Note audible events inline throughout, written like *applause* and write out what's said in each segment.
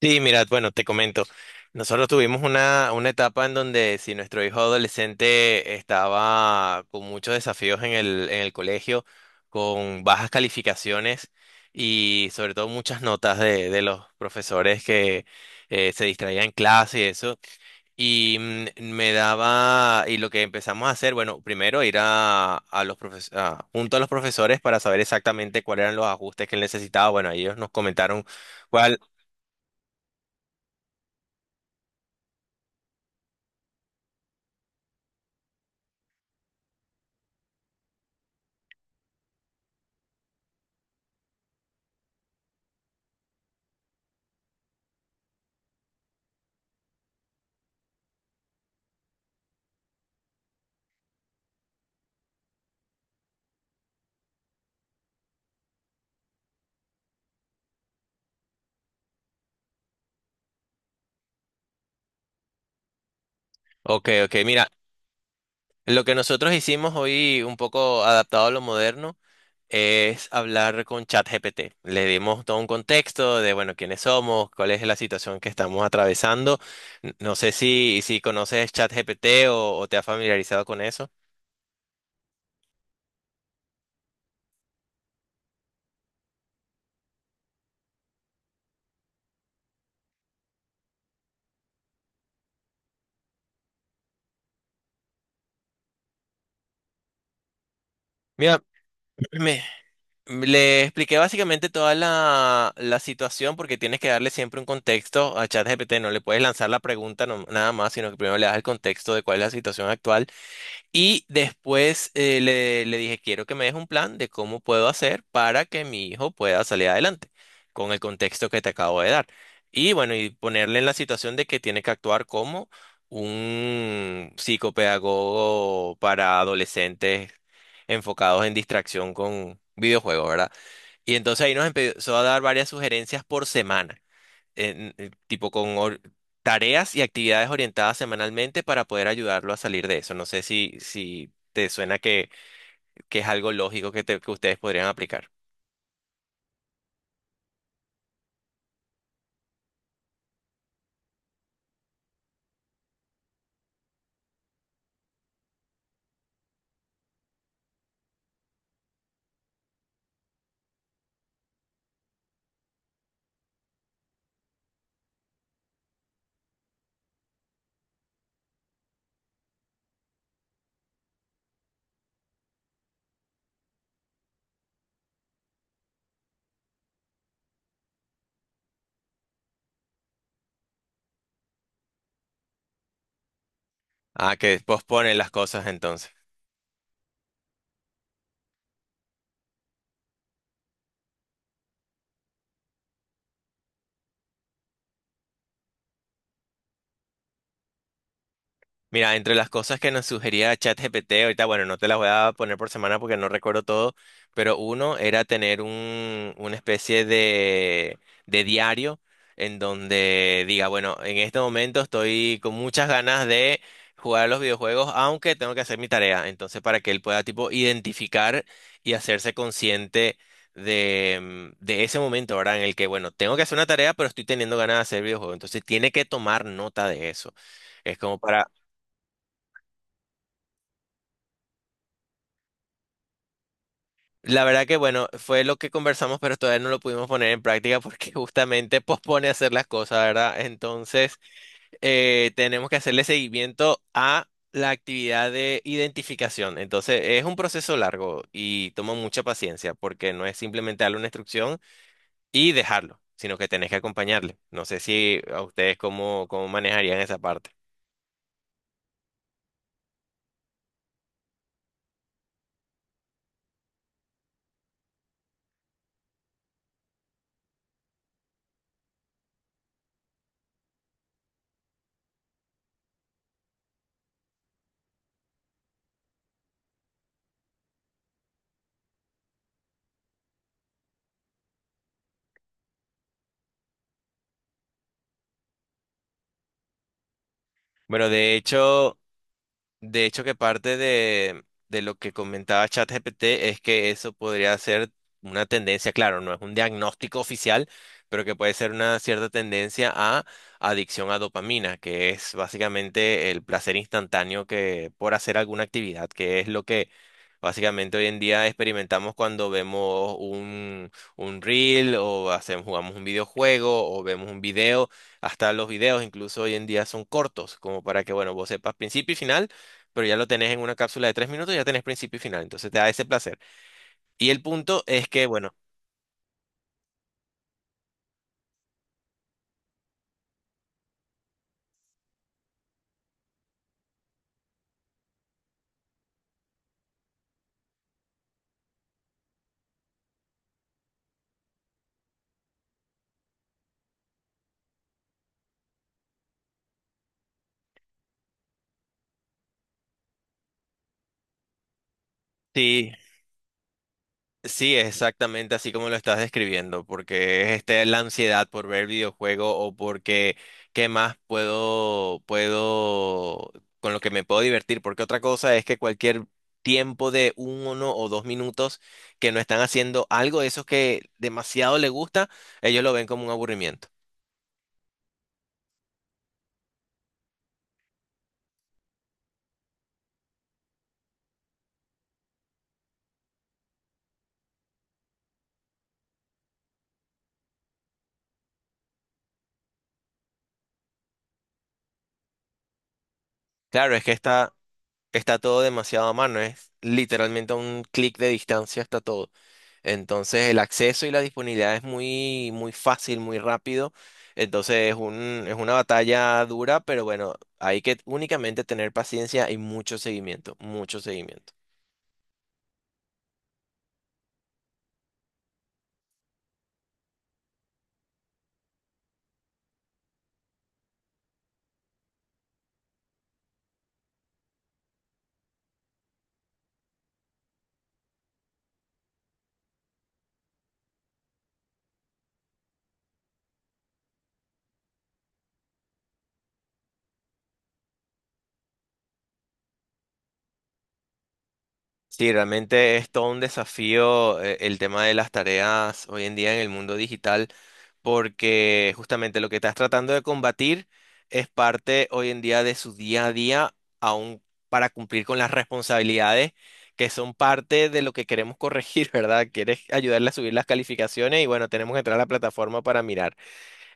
Sí, mira, bueno, te comento. Nosotros tuvimos una etapa en donde si nuestro hijo adolescente estaba con muchos desafíos en el colegio, con bajas calificaciones y sobre todo muchas notas de los profesores que se distraían en clase y eso. Y me daba, y lo que empezamos a hacer, bueno, primero ir a los profes- a- junto a los profesores para saber exactamente cuáles eran los ajustes que él necesitaba. Bueno, ellos nos comentaron cuál. Ok, ok, mira. Lo que nosotros hicimos hoy, un poco adaptado a lo moderno, es hablar con ChatGPT. Le dimos todo un contexto de, bueno, quiénes somos, cuál es la situación que estamos atravesando. No sé si conoces ChatGPT o te has familiarizado con eso. Mira, *clears throat* me- le expliqué básicamente toda la situación porque tienes que darle siempre un contexto a ChatGPT. No le puedes lanzar la pregunta nada más, sino que primero le das el contexto de cuál es la situación actual. Y después le dije, quiero que me des un plan de cómo puedo hacer para que mi hijo pueda salir adelante, con el contexto que te acabo de dar. Y bueno, y ponerle en la situación de que tiene que actuar como un psicopedagogo para adolescentes enfocados en distracción con videojuegos, ¿verdad? Y entonces ahí nos empezó a dar varias sugerencias por semana tipo tareas y actividades orientadas semanalmente para poder ayudarlo a salir de eso. No sé si te suena que es algo lógico que ustedes podrían aplicar. Ah, que posponen las cosas entonces. Mira, entre las cosas que nos sugería ChatGPT, ahorita, bueno, no te las voy a poner por semana porque no recuerdo todo, pero uno era tener una especie de diario en donde diga, bueno, en este momento estoy con muchas ganas de jugar a los videojuegos, aunque tengo que hacer mi tarea. Entonces, para que él pueda, tipo, identificar y hacerse consciente de ese momento, ¿verdad? En el que, bueno, tengo que hacer una tarea, pero estoy teniendo ganas de hacer videojuegos. Entonces, tiene que tomar nota de eso. Es como para. La verdad que bueno, fue lo que conversamos, pero todavía no lo pudimos poner en práctica porque *laughs* justamente pospone hacer las cosas, ¿verdad? Entonces, tenemos que hacerle seguimiento a la actividad de identificación. Entonces, es un proceso largo y toma mucha paciencia porque no es simplemente darle una instrucción y dejarlo, sino que tenés que acompañarle. No sé si a ustedes cómo manejarían esa parte. Bueno, de hecho, que parte de lo que comentaba ChatGPT es que eso podría ser una tendencia, claro, no es un diagnóstico oficial, pero que puede ser una cierta tendencia a adicción a dopamina, que es básicamente el placer instantáneo que por hacer alguna actividad, que es lo que básicamente hoy en día experimentamos cuando vemos un reel o jugamos un videojuego o vemos un video, hasta los videos incluso hoy en día son cortos, como para que, bueno, vos sepas principio y final, pero ya lo tenés en una cápsula de 3 minutos, ya tenés principio y final, entonces te da ese placer. Y el punto es que, bueno, sí, sí, exactamente así como lo estás describiendo, porque es este, la ansiedad por ver videojuego, o porque ¿qué más puedo, con lo que me puedo divertir? Porque otra cosa es que cualquier tiempo de 1 o 2 minutos que no están haciendo algo de esos que demasiado le gusta, ellos lo ven como un aburrimiento. Claro, es que está todo demasiado a mano, es literalmente a un clic de distancia está todo. Entonces el acceso y la disponibilidad es muy, muy fácil, muy rápido. Entonces es una batalla dura, pero bueno, hay que únicamente tener paciencia y mucho seguimiento, mucho seguimiento. Sí, realmente es todo un desafío el tema de las tareas hoy en día en el mundo digital, porque justamente lo que estás tratando de combatir es parte hoy en día de su día a día, aún para cumplir con las responsabilidades que son parte de lo que queremos corregir, *laughs* ¿verdad? Quieres ayudarle a subir las calificaciones y, bueno, tenemos que entrar a la plataforma para mirar.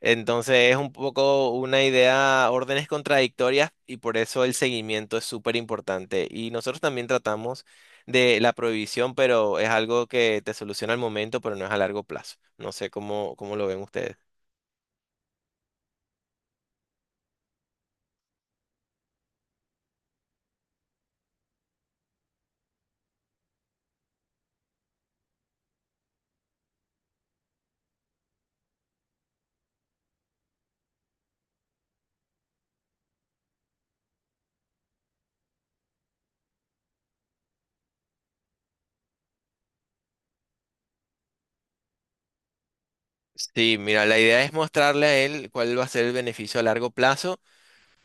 Entonces es un poco una idea, órdenes contradictorias, y por eso el seguimiento es súper importante. Y nosotros también tratamos de la prohibición, pero es algo que te soluciona al momento, pero no es a largo plazo. No sé cómo lo ven ustedes. Sí, mira, la idea es mostrarle a él cuál va a ser el beneficio a largo plazo,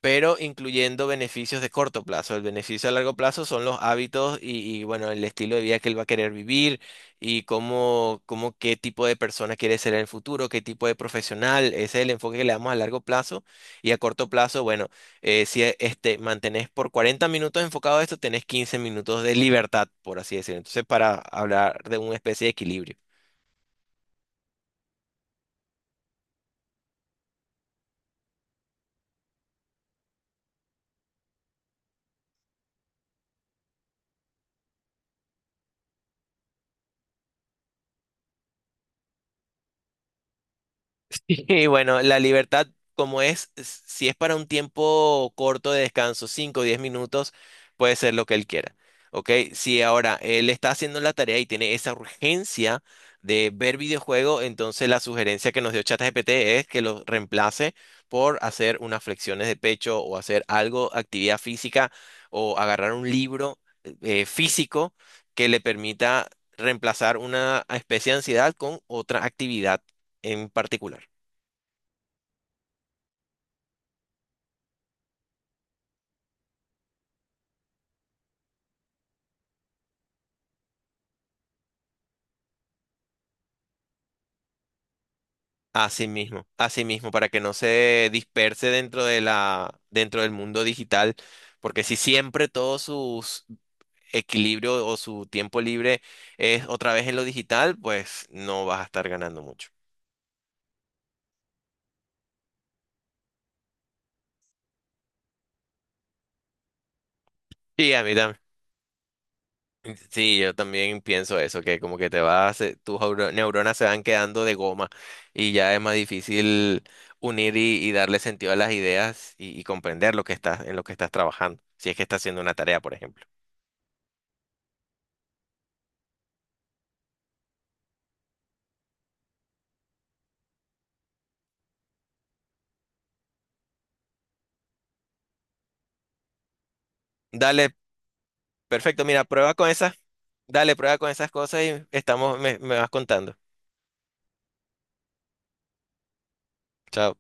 pero incluyendo beneficios de corto plazo. El beneficio a largo plazo son los hábitos bueno, el estilo de vida que él va a querer vivir y cómo qué tipo de persona quiere ser en el futuro, qué tipo de profesional. Ese es el enfoque que le damos a largo plazo. Y a corto plazo, bueno, si mantenés por 40 minutos enfocado a esto, tenés 15 minutos de libertad, por así decirlo. Entonces, para hablar de una especie de equilibrio. *laughs* Y bueno, la libertad, como es, si es para un tiempo corto de descanso, 5 o 10 minutos, puede ser lo que él quiera. ¿Ok? Si ahora él está haciendo la tarea y tiene esa urgencia de ver videojuego, entonces la sugerencia que nos dio ChatGPT es que lo reemplace por hacer unas flexiones de pecho o hacer algo, actividad física, o agarrar un libro físico que le permita reemplazar una especie de ansiedad con otra actividad en particular. Así mismo, para que no se disperse dentro del mundo digital, porque si siempre todo su equilibrio o su tiempo libre es otra vez en lo digital, pues no vas a estar ganando mucho. Sí, a mí también. Sí, yo también pienso eso, que como que te vas, tus neuronas se van quedando de goma y ya es más difícil unir y darle sentido a las ideas y comprender en lo que estás trabajando, si es que estás haciendo una tarea, por ejemplo. Dale. Perfecto, mira, dale, prueba con esas cosas y estamos, me vas contando. Chao.